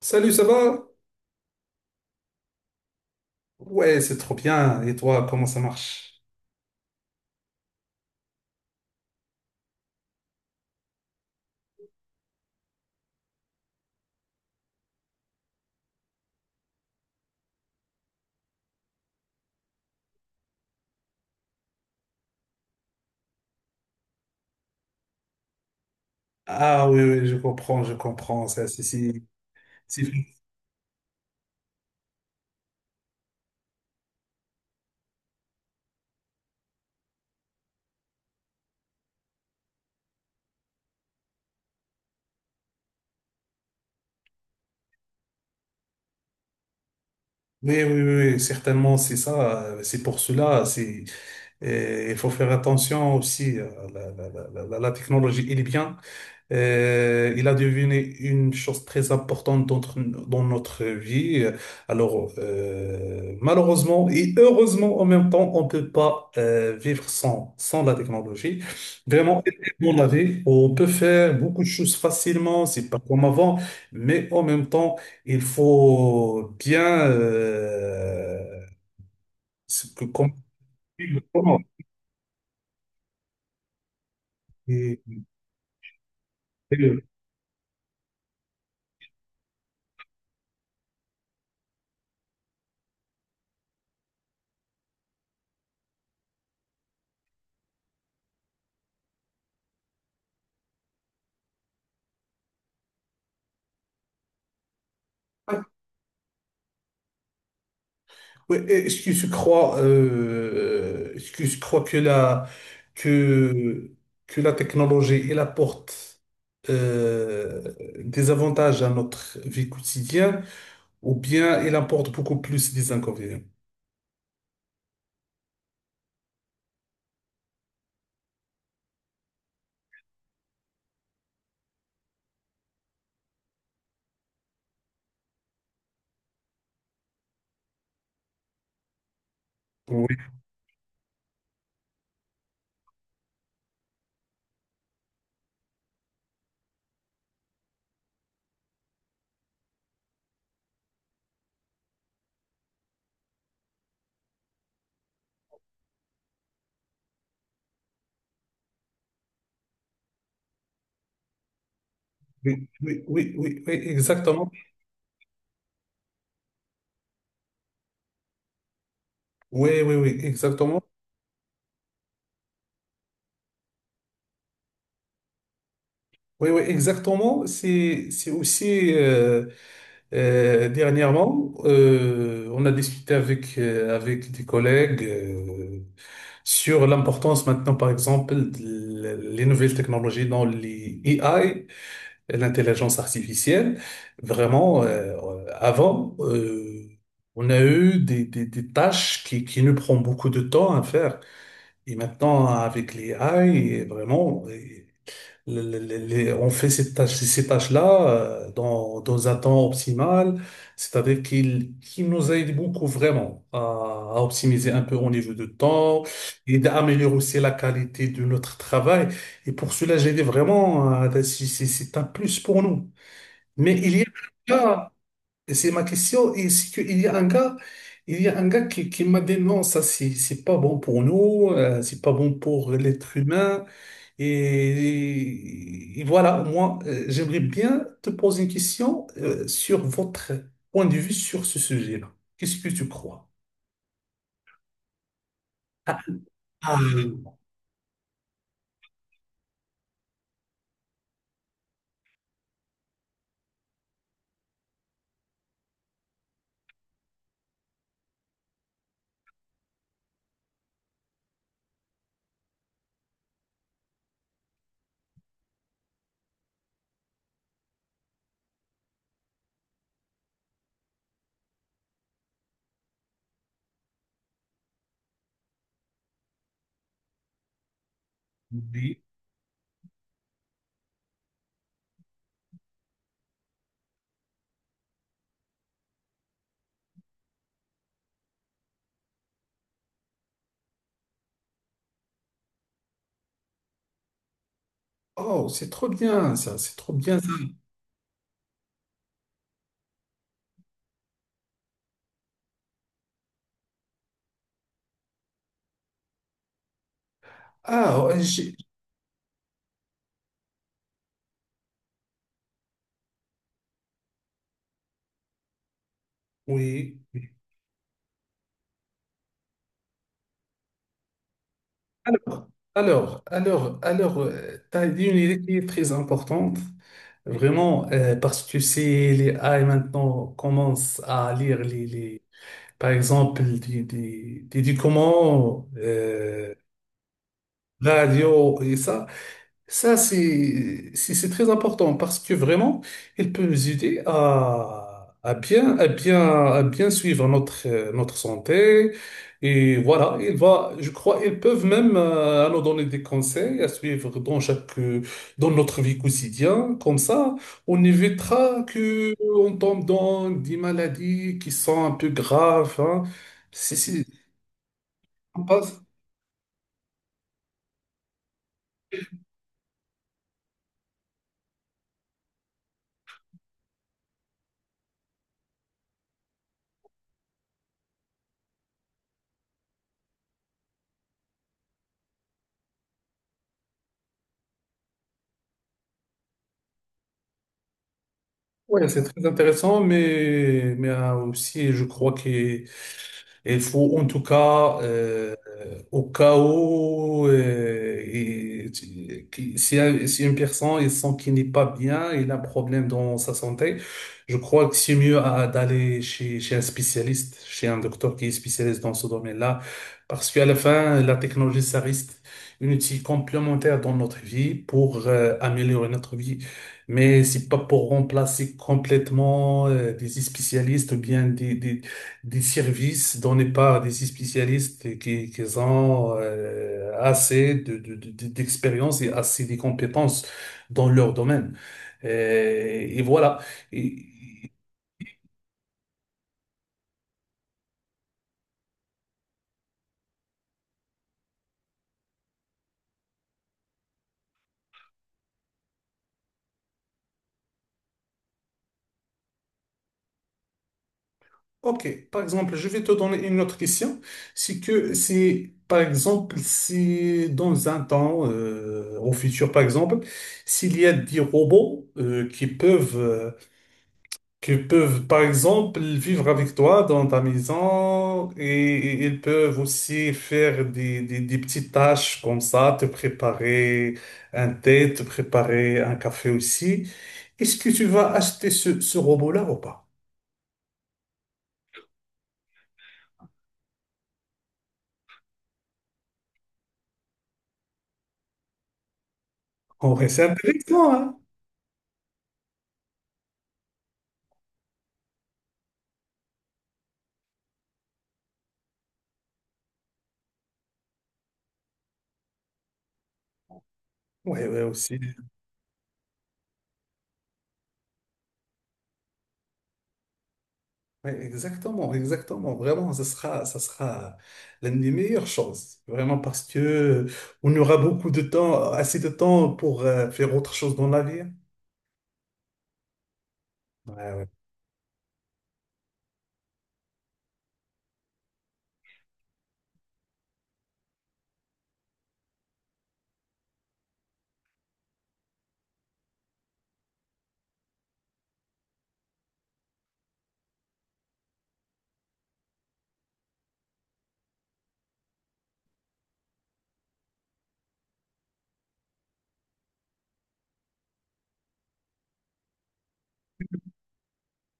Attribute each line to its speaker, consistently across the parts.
Speaker 1: Salut, ça va? Ouais, c'est trop bien. Et toi, comment ça marche? Ah oui, oui, je comprends, je comprends. Ça, c'est- Oui, oui, oui, oui, certainement, c'est ça. C'est pour cela. C'est, et il faut faire attention aussi. La technologie, elle est bien. Il a devenu une chose très importante dans dans notre vie. Alors, malheureusement et heureusement en même temps, on ne peut pas vivre sans la technologie. Vraiment, elle est dans la vie, on peut faire beaucoup de choses facilement, c'est pas comme avant, mais en même temps, il faut bien ce que comme et- et- Oui, est-ce que je crois que, que la technologie, elle apporte euh, des avantages à notre vie quotidienne ou bien elle apporte beaucoup plus des inconvénients? Oui, oui, oui, oui, oui, oui, exactement. Oui, oui, oui, exactement. Oui, oui, exactement. C'est aussi dernièrement, on a discuté avec, avec des collègues sur l'importance maintenant, par exemple, de les nouvelles technologies dans les AI, l'intelligence artificielle. Vraiment, avant, on a eu des tâches qui nous prennent beaucoup de temps à faire. Et maintenant, avec les AI, vraiment, on fait ces tâches, ces tâches-là dans un temps optimal, c'est-à-dire qu'il nous aide beaucoup vraiment à optimiser un peu au niveau de temps et d'améliorer aussi la qualité de notre travail. Et pour cela, j'ai dit vraiment, c'est un plus pour nous. Mais il y a et c'est ma question. Et c'est qu'il y a un gars, il y a un gars qui m'a dit non, ça c'est pas bon pour nous, c'est pas bon pour l'être humain. Et voilà, moi, j'aimerais bien te poser une question sur votre point de vue sur ce sujet-là. Qu'est-ce que tu crois? Ah, ah, oui. Oh, c'est trop bien ça, c'est trop bien ça. Ah, ouais, oui. Alors, alors, tu as dit une idée qui est très importante, vraiment, parce que si les A AI maintenant commencent à lire par exemple, des documents, radio et ça, c'est très important parce que vraiment, il peut nous aider à, à bien suivre notre notre santé et voilà, il va, je crois, ils peuvent même nous donner des conseils à suivre dans chaque dans notre vie quotidienne. Comme ça, on évitera que on tombe dans des maladies qui sont un peu graves, hein. C'est c'est- on passe- Ouais, c'est très intéressant, mais aussi, je crois que il faut en tout cas, au cas où si une personne il sent qu'il n'est pas bien, il a un problème dans sa santé, je crois que c'est mieux d'aller chez, chez un spécialiste, chez un docteur qui est spécialiste dans ce domaine-là, parce qu'à la fin, la technologie, ça reste une outil complémentaire dans notre vie pour améliorer notre vie. Mais c'est pas pour remplacer complètement des spécialistes ou bien des services donnés par des spécialistes qui ont assez de, d'expérience et assez de compétences dans leur domaine. Et voilà. Et- OK, par exemple, je vais te donner une autre question. C'est, par exemple, si dans un temps, au futur, par exemple, s'il y a des robots qui peuvent, par exemple, vivre avec toi dans ta maison et ils peuvent aussi faire des petites tâches comme ça, te préparer un thé, te préparer un café aussi. Est-ce que tu vas acheter ce robot-là ou pas? Ouais, c'est intéressant, hein? Ouais, ouais, aussi. Ouais, exactement, exactement. Vraiment, ça sera l'une des meilleures choses. Vraiment, parce que on aura beaucoup de temps, assez de temps pour faire autre chose dans la vie, hein. Ouais, ouais.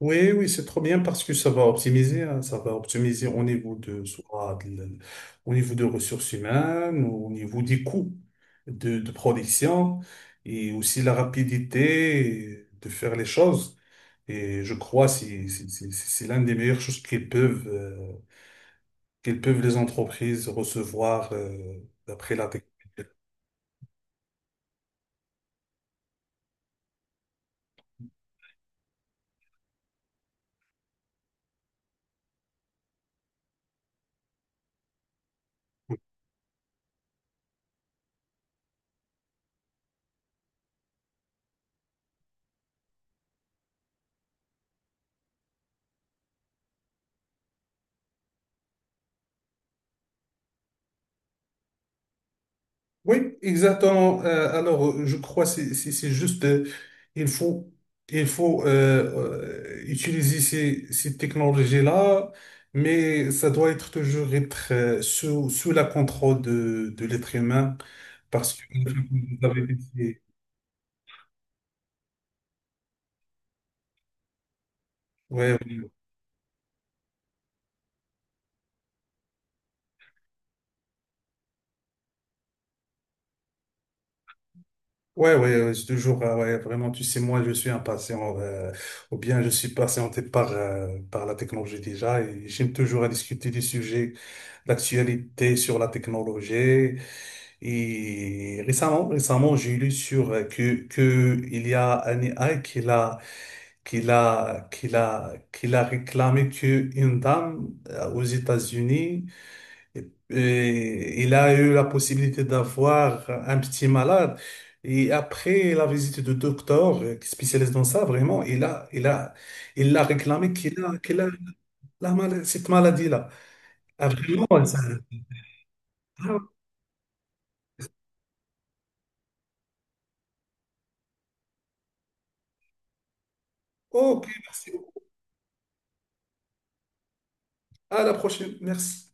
Speaker 1: Oui, oui, c'est trop bien parce que ça va optimiser, hein, ça va optimiser au niveau de ressources humaines, au niveau des coûts de production et aussi la rapidité de faire les choses. Et je crois que c'est l'un des meilleures choses qu'ils peuvent les entreprises recevoir, d'après la technologie. Oui, exactement. Alors, je crois que c'est juste, il faut, il faut utiliser ces technologies-là, mais ça doit être toujours être sous la contrôle de l'être humain, parce que vous avez dit, ouais, ouais, ouais, ouais, c'est toujours, ouais, vraiment, tu sais, moi, je suis impatient, ou bien je suis patienté par, par la technologie déjà, et j'aime toujours à discuter des sujets d'actualité sur la technologie. Et récemment, j'ai lu sur que il y a un AI qui l'a réclamé que une dame aux États-Unis et il a eu la possibilité d'avoir un petit malade et après la visite du docteur qui spécialise dans ça vraiment il a il l'a réclamé qu'il a cette maladie-là. Ah, vraiment ça. OK, merci beaucoup. À la prochaine. Merci.